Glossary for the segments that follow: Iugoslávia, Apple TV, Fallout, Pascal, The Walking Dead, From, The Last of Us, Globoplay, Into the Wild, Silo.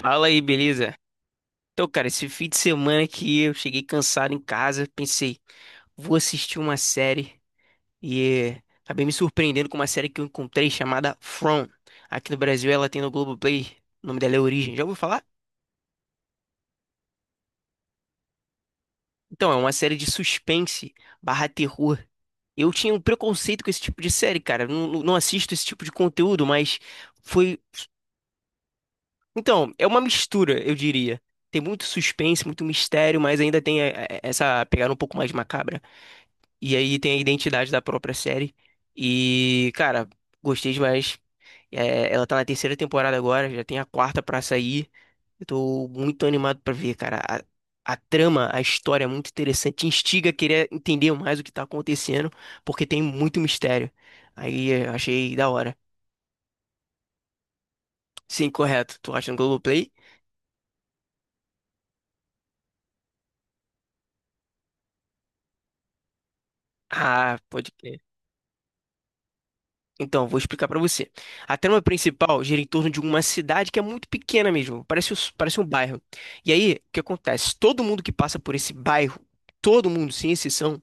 Fala aí, beleza? Então, cara, esse fim de semana que eu cheguei cansado em casa, pensei, vou assistir uma série e acabei me surpreendendo com uma série que eu encontrei chamada From. Aqui no Brasil ela tem no Globoplay, o nome dela é Origem. Já ouviu falar? Então, é uma série de suspense barra terror. Eu tinha um preconceito com esse tipo de série, cara. Eu Não, não assisto esse tipo de conteúdo, mas foi. Então, é uma mistura, eu diria. Tem muito suspense, muito mistério, mas ainda tem essa pegada um pouco mais macabra. E aí tem a identidade da própria série. E, cara, gostei demais. É, ela tá na terceira temporada agora, já tem a quarta pra sair. Eu tô muito animado pra ver, cara. A trama, a história é muito interessante. Te instiga a querer entender mais o que tá acontecendo, porque tem muito mistério. Aí eu achei da hora. Sim, correto. Tu acha no Globoplay? Ah, pode. Então, vou explicar pra você. A trama principal gira em torno de uma cidade que é muito pequena mesmo, parece, parece um bairro. E aí, o que acontece? Todo mundo que passa por esse bairro, todo mundo, sem exceção,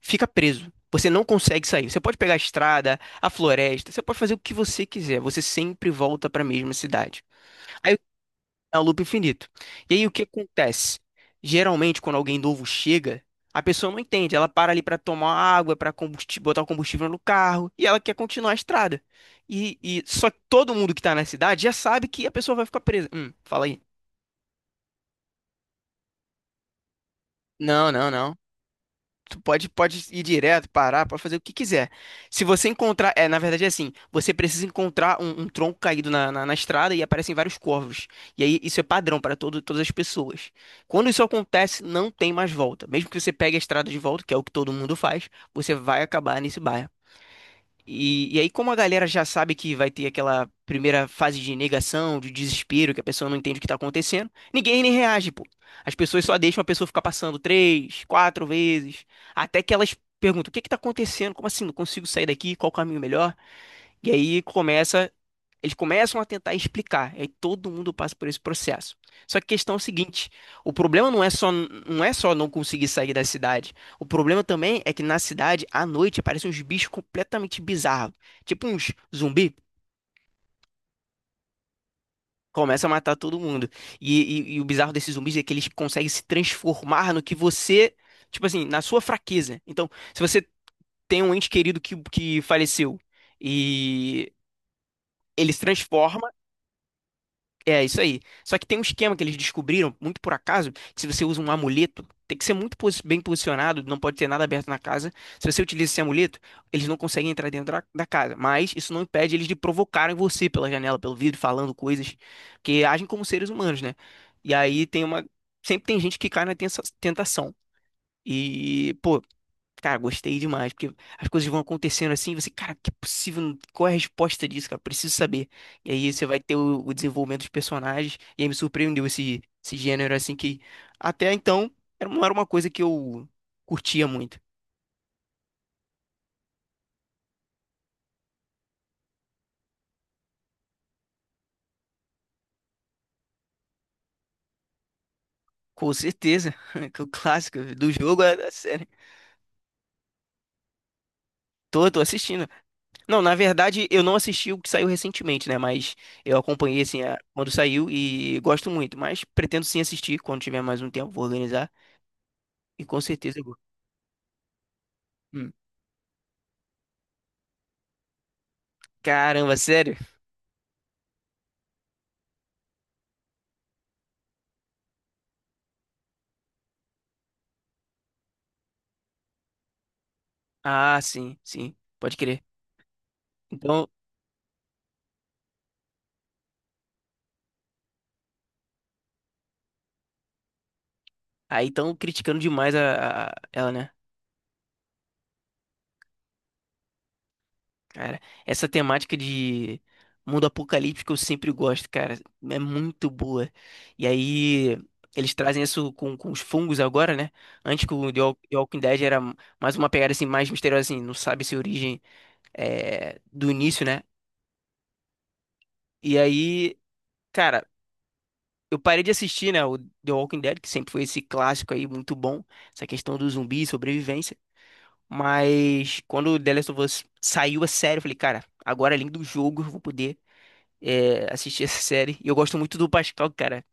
fica preso. Você não consegue sair. Você pode pegar a estrada, a floresta, você pode fazer o que você quiser. Você sempre volta pra mesma cidade. É um loop infinito. E aí o que acontece? Geralmente, quando alguém novo chega, a pessoa não entende. Ela para ali para tomar água, para botar o combustível no carro, e ela quer continuar a estrada. E, só que todo mundo que tá na cidade já sabe que a pessoa vai ficar presa. Fala aí. Não, não, não. Tu pode, pode ir direto, parar, pode fazer o que quiser. Se você encontrar. É, na verdade é assim: você precisa encontrar um, um tronco caído na estrada e aparecem vários corvos. E aí isso é padrão para todas as pessoas. Quando isso acontece, não tem mais volta. Mesmo que você pegue a estrada de volta, que é o que todo mundo faz, você vai acabar nesse bairro. E aí, como a galera já sabe que vai ter aquela primeira fase de negação, de desespero, que a pessoa não entende o que tá acontecendo, ninguém nem reage, pô. As pessoas só deixam a pessoa ficar passando três, quatro vezes, até que elas perguntam: o que que tá acontecendo? Como assim? Não consigo sair daqui? Qual o caminho melhor? E aí começa, eles começam a tentar explicar, e aí todo mundo passa por esse processo. Só que a questão é o seguinte, o problema não é só não conseguir sair da cidade. O problema também é que na cidade, à noite, aparecem uns bichos completamente bizarros, tipo uns zumbi. Começa a matar todo mundo. E, e o bizarro desses zumbis é que eles conseguem se transformar no que você, tipo assim, na sua fraqueza. Então, se você tem um ente querido que faleceu e ele se transforma. É, isso aí. Só que tem um esquema que eles descobriram, muito por acaso, que se você usa um amuleto, tem que ser bem posicionado, não pode ter nada aberto na casa. Se você utiliza esse amuleto, eles não conseguem entrar dentro da casa. Mas isso não impede eles de provocarem você pela janela, pelo vidro, falando coisas, que agem como seres humanos, né? E aí tem uma. Sempre tem gente que cai na tentação. E, pô, cara, gostei demais, porque as coisas vão acontecendo assim, e você, cara, que é possível, qual é a resposta disso, cara? Preciso saber. E aí você vai ter o desenvolvimento dos personagens, e aí me surpreendeu esse gênero, assim, que até então não era uma coisa que eu curtia muito. Com certeza, que o clássico do jogo é da série. Tô assistindo. Não, na verdade, eu não assisti o que saiu recentemente, né? Mas eu acompanhei, assim, quando saiu e gosto muito. Mas pretendo sim assistir quando tiver mais um tempo, vou organizar. E com certeza eu vou. Hum. Caramba, sério? Ah, sim, sim, pode crer. Então, aí estão criticando demais ela, né? Cara, essa temática de mundo apocalíptico eu sempre gosto, cara. É muito boa. E aí, eles trazem isso com os fungos agora, né? Antes que o The Walking Dead era mais uma pegada assim, mais misteriosa, assim, não sabe se origem é, do início, né? E aí, cara, eu parei de assistir, né, o The Walking Dead, que sempre foi esse clássico aí, muito bom, essa questão do zumbi e sobrevivência. Mas quando o The Last of Us saiu a série, eu falei, cara, agora além do jogo, eu vou poder assistir essa série. E eu gosto muito do Pascal, cara.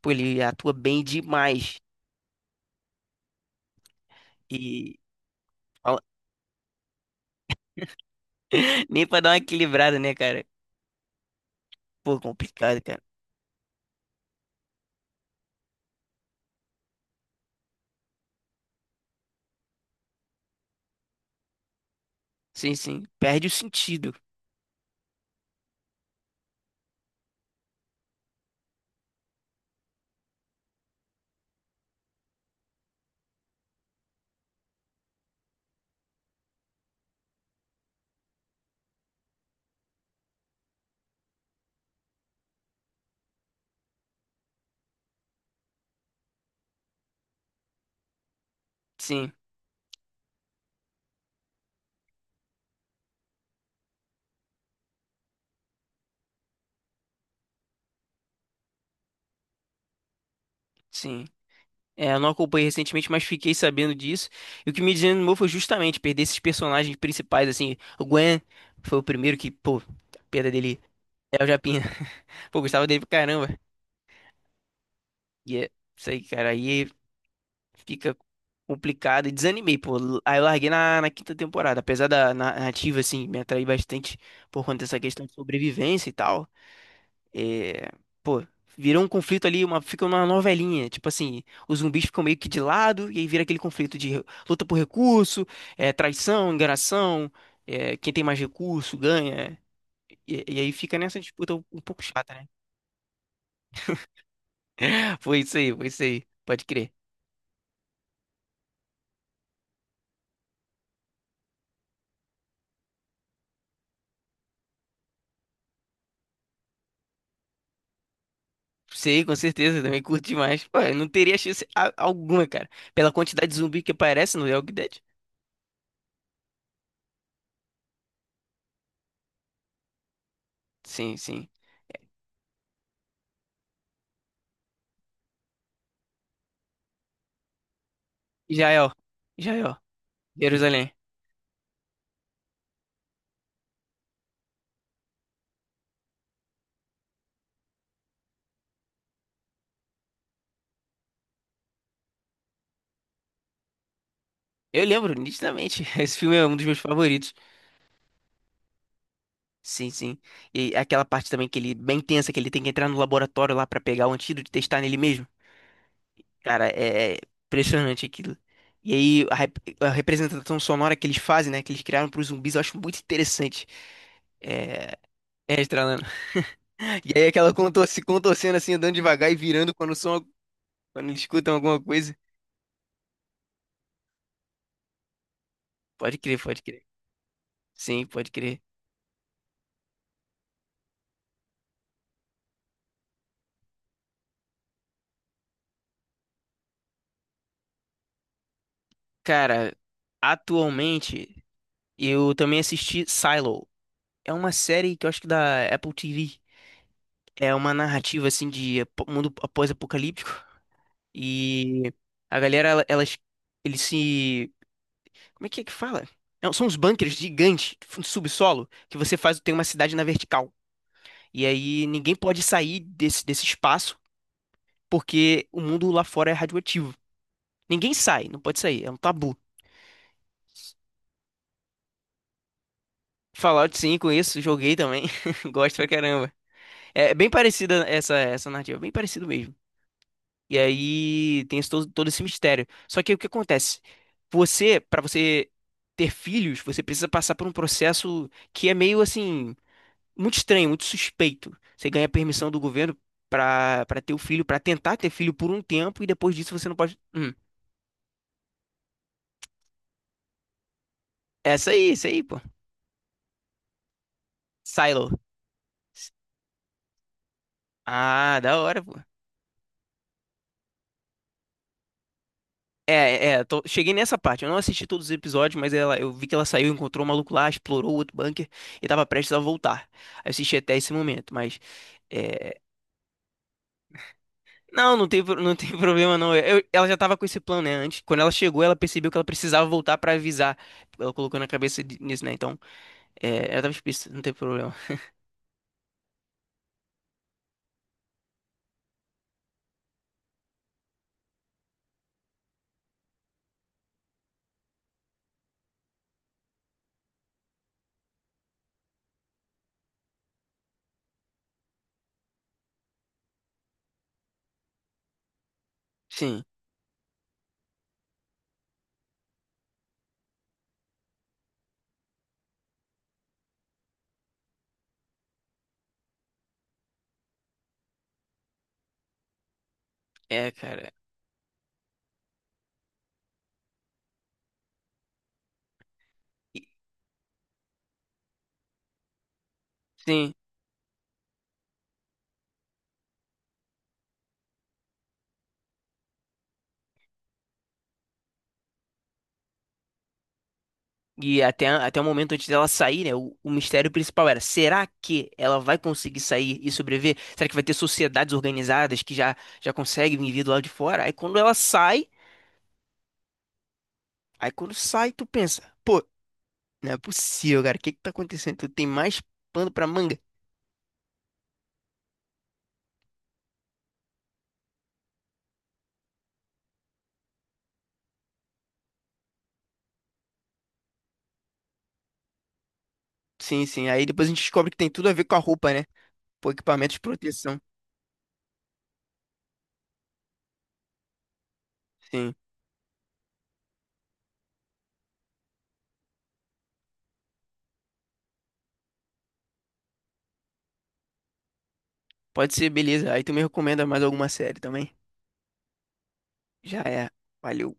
Pô, ele atua bem demais. E ó, nem pra dar uma equilibrada, né, cara? Pô, complicado, cara. Sim, sim. Perde o sentido. Sim, sim. É, eu não acompanhei recentemente, mas fiquei sabendo disso. E o que me desanimou foi justamente perder esses personagens principais, assim. O Gwen foi o primeiro que, pô, a perda dele é o Japinha. Pô, eu gostava dele pra caramba. E é isso aí, cara. Aí fica complicado e desanimei, pô. Aí eu larguei na quinta temporada. Apesar da narrativa, assim, me atrair bastante por conta dessa questão de sobrevivência e tal. É, pô, virou um conflito ali, uma, fica uma novelinha. Tipo assim, os zumbis ficam meio que de lado e aí vira aquele conflito de luta por recurso, é, traição, enganação. É, quem tem mais recurso ganha. E aí fica nessa disputa um pouco chata, né? Foi isso aí, foi isso aí. Pode crer. Sei, com certeza, também curto demais. Pô, eu não teria chance alguma, cara. Pela quantidade de zumbi que aparece no The Walking Dead. Sim, sim. Israel. Israel. Jerusalém. Eu lembro nitidamente. Esse filme é um dos meus favoritos. Sim, sim. E aquela parte também que ele, bem tensa, que ele tem que entrar no laboratório lá pra pegar o antídoto e testar nele mesmo. Cara, é impressionante aquilo. E aí, a, a representação sonora que eles fazem, né, que eles criaram pros zumbis, eu acho muito interessante. É, é E aí aquela contorce, contorcendo assim, andando devagar e virando quando o som, quando eles escutam alguma coisa. Pode crer, pode crer. Sim, pode crer. Cara, atualmente eu também assisti Silo. É uma série que eu acho que da Apple TV. É uma narrativa assim de mundo pós-apocalíptico e a galera ela- elas eles se como é que fala? Não, são uns bunkers gigantes, fundo subsolo, que você faz tem uma cidade na vertical. E aí ninguém pode sair desse espaço porque o mundo lá fora é radioativo. Ninguém sai, não pode sair, é um tabu. Fallout 5, isso, joguei também, gosto pra caramba. É bem parecida essa narrativa, bem parecido mesmo. E aí tem esse todo esse mistério. Só que o que acontece? Você, pra você ter filhos, você precisa passar por um processo que é meio assim, muito estranho, muito suspeito. Você ganha permissão do governo pra ter o filho, pra tentar ter filho por um tempo, e depois disso você não pode. Hum. Essa aí, isso aí, pô. Silo. Ah, da hora, pô. É, é, cheguei nessa parte. Eu não assisti todos os episódios, mas ela, eu vi que ela saiu, encontrou o maluco lá, explorou o outro bunker e tava prestes a voltar. Aí eu assisti até esse momento, mas. é, Não, não tem, não tem problema não. Ela já tava com esse plano, né? Antes, quando ela chegou, ela percebeu que ela precisava voltar pra avisar. Ela colocou na cabeça nisso, né? Então, é, ela tava explícita, não tem problema. Sim, é, cara. E. Sim. E até, até o momento antes dela sair, né? O mistério principal era: será que ela vai conseguir sair e sobreviver? Será que vai ter sociedades organizadas que já conseguem vir do lado de fora? Aí quando ela sai, aí quando sai, tu pensa: pô, não é possível, cara, o que que tá acontecendo? Tu tem mais pano pra manga? Sim, sim. Aí depois a gente descobre que tem tudo a ver com a roupa, né? Pô, equipamento de proteção. Sim. Pode ser, beleza. Aí tu me recomenda mais alguma série também? Já é. Valeu.